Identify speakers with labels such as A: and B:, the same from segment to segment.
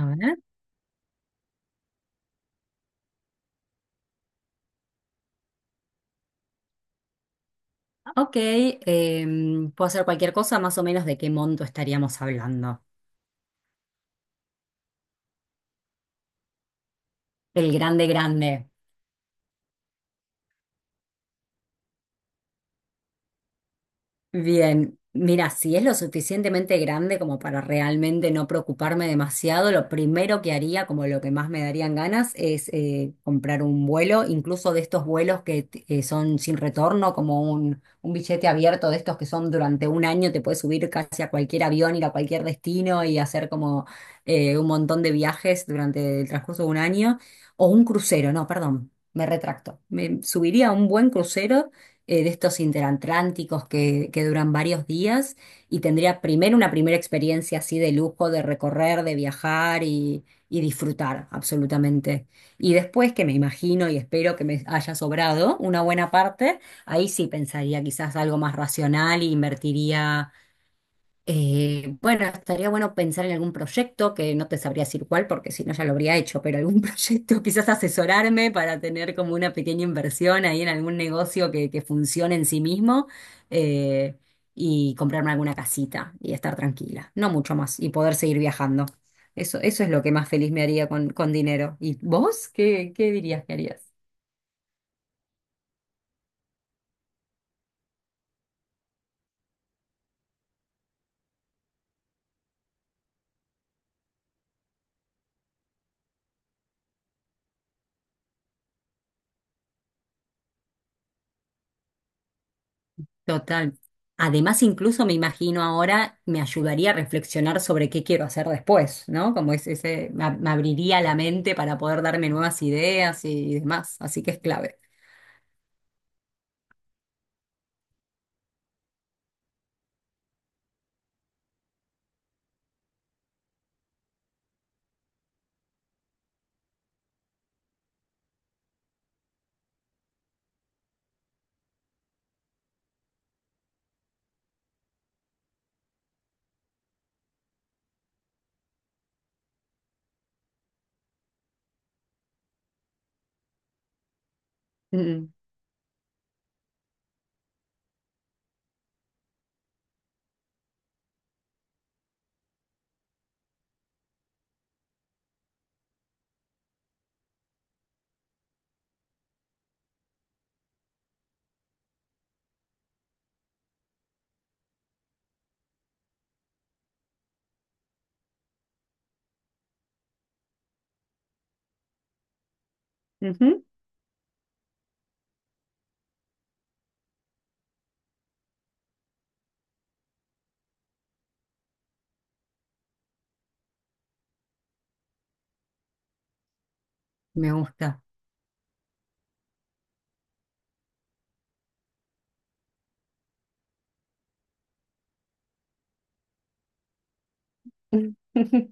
A: A ver. Ok, puedo hacer cualquier cosa, más o menos de qué monto estaríamos hablando. El grande, grande. Bien, mira, si es lo suficientemente grande como para realmente no preocuparme demasiado, lo primero que haría, como lo que más me darían ganas, es comprar un vuelo, incluso de estos vuelos que son sin retorno, como un billete abierto de estos que son durante un año, te puedes subir casi a cualquier avión, ir a cualquier destino y hacer como un montón de viajes durante el transcurso de un año, o un crucero, no, perdón. Me retracto. Me subiría a un buen crucero de estos interatlánticos que duran varios días y tendría primero una primera experiencia así de lujo, de recorrer, de viajar y disfrutar absolutamente. Y después, que me imagino y espero que me haya sobrado una buena parte, ahí sí pensaría quizás algo más racional e invertiría bueno, estaría bueno pensar en algún proyecto, que no te sabría decir cuál, porque si no ya lo habría hecho, pero algún proyecto, quizás asesorarme para tener como una pequeña inversión ahí en algún negocio que funcione en sí mismo, eh, y comprarme alguna casita y estar tranquila, no mucho más, y poder seguir viajando. Eso es lo que más feliz me haría con dinero. ¿Y vos? ¿Qué, qué dirías que harías? Total. Además, incluso me imagino ahora, me ayudaría a reflexionar sobre qué quiero hacer después, ¿no? Como es ese, me, me abriría la mente para poder darme nuevas ideas y demás. Así que es clave. Mm, ujú. Me gusta.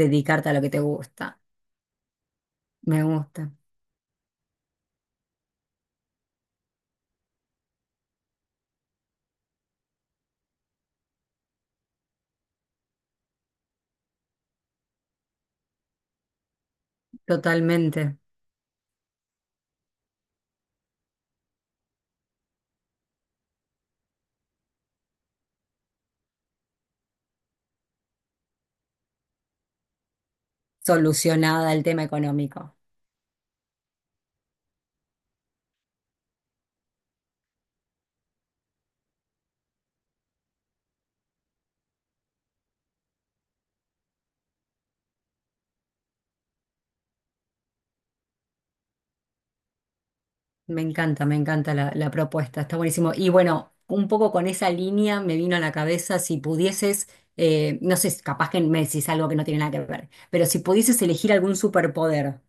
A: Dedicarte a lo que te gusta. Me gusta. Totalmente solucionada el tema económico. Me encanta la propuesta, está buenísimo. Y bueno, un poco con esa línea me vino a la cabeza si pudieses, no sé, capaz que me decís algo que no tiene nada que ver, pero si pudieses elegir algún superpoder,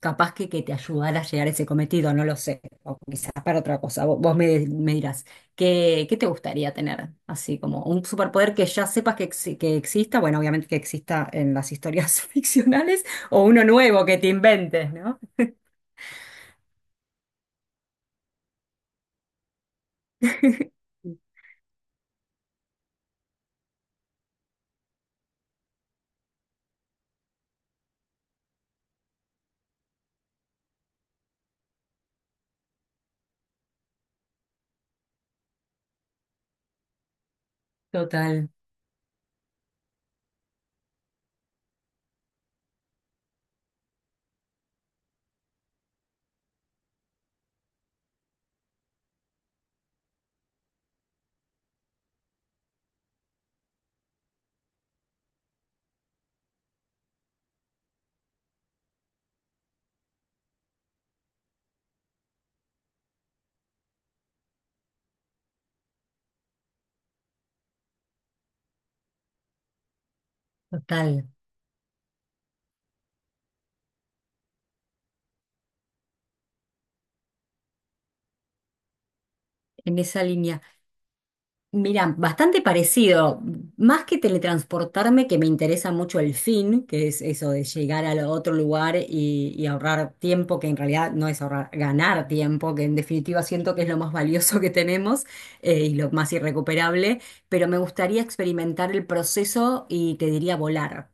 A: capaz que te ayudara a llegar a ese cometido, no lo sé, o quizás para otra cosa, vos, vos me, me dirás, ¿qué, qué te gustaría tener? Así como un superpoder que ya sepas que, que exista, bueno, obviamente que exista en las historias ficcionales, o uno nuevo que te inventes, ¿no? Total, total. En esa línea. Mira, bastante parecido. Más que teletransportarme, que me interesa mucho el fin, que es eso de llegar a otro lugar y ahorrar tiempo, que en realidad no es ahorrar, ganar tiempo, que en definitiva siento que es lo más valioso que tenemos, y lo más irrecuperable, pero me gustaría experimentar el proceso y te diría volar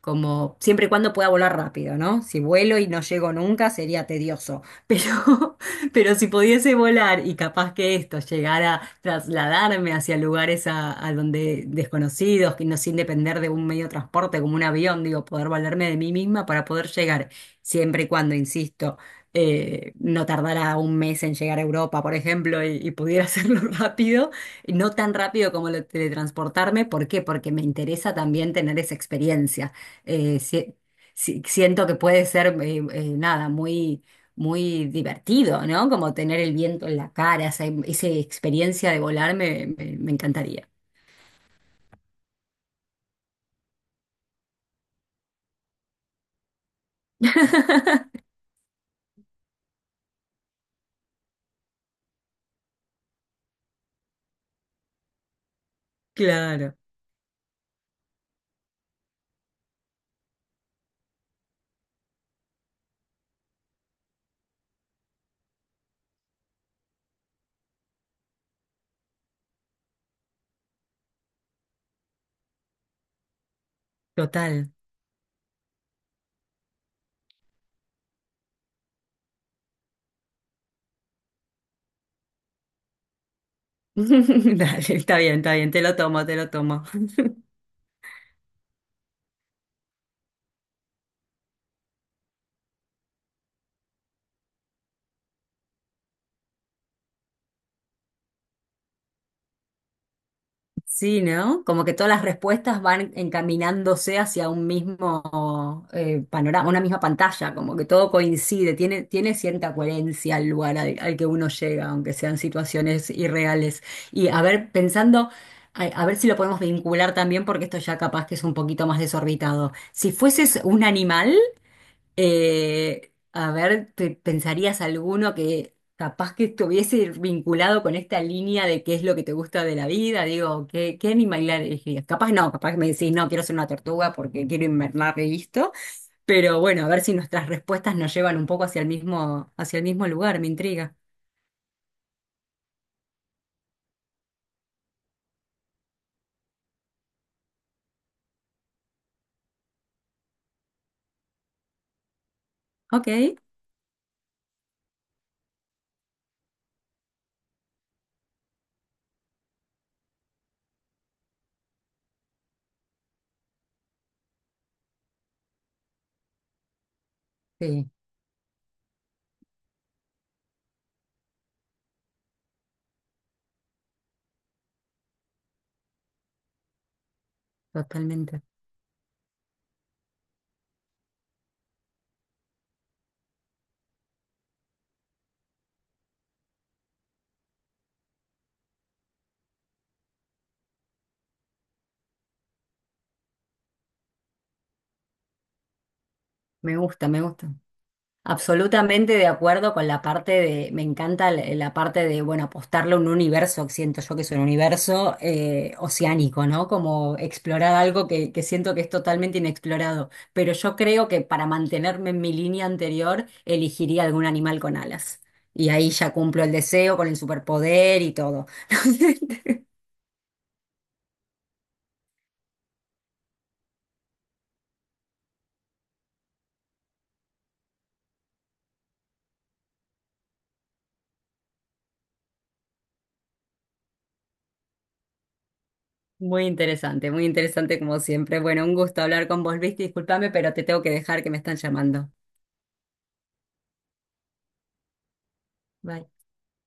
A: como siempre y cuando pueda volar rápido, ¿no? Si vuelo y no llego nunca sería tedioso, pero, pero si pudiese volar y capaz que esto llegara a trasladarme hacia lugares a donde desconocidos, que no sin depender de un medio de transporte como un avión, digo, poder valerme de mí misma para poder llegar, siempre y cuando, insisto, no tardara un mes en llegar a Europa, por ejemplo, y pudiera hacerlo rápido, y no tan rápido como lo de teletransportarme, ¿por qué? Porque me interesa también tener esa experiencia. eh, si- Siento que puede ser, nada, muy, muy divertido, ¿no? Como tener el viento en la cara, esa, esa experiencia de volar me encantaría. Claro, total. Dale, está bien, te lo tomo, te lo tomo. Sí, ¿no? Como que todas las respuestas van encaminándose hacia un mismo panorama, una misma pantalla, como que todo coincide, tiene, tiene cierta coherencia al lugar al, al que uno llega, aunque sean situaciones irreales. Y a ver, pensando, a ver si lo podemos vincular también, porque esto ya capaz que es un poquito más desorbitado. Si fueses un animal, a ver, ¿te pensarías alguno que capaz que estuviese vinculado con esta línea de qué es lo que te gusta de la vida? Digo, ¿qué, qué animal elegirías? Capaz no, capaz me decís, no, quiero ser una tortuga porque quiero invernar y listo. Pero bueno, a ver si nuestras respuestas nos llevan un poco hacia el mismo lugar, me intriga. Ok, sí, totalmente. Me gusta, me gusta. Absolutamente de acuerdo con la parte de, me encanta la la parte de, bueno, apostarle a un universo, que siento yo que es un universo oceánico, ¿no? Como explorar algo que siento que es totalmente inexplorado. Pero yo creo que para mantenerme en mi línea anterior, elegiría algún animal con alas. Y ahí ya cumplo el deseo con el superpoder y todo. Muy interesante como siempre. Bueno, un gusto hablar con vos, Luis. Disculpame, pero te tengo que dejar que me están llamando. Bye.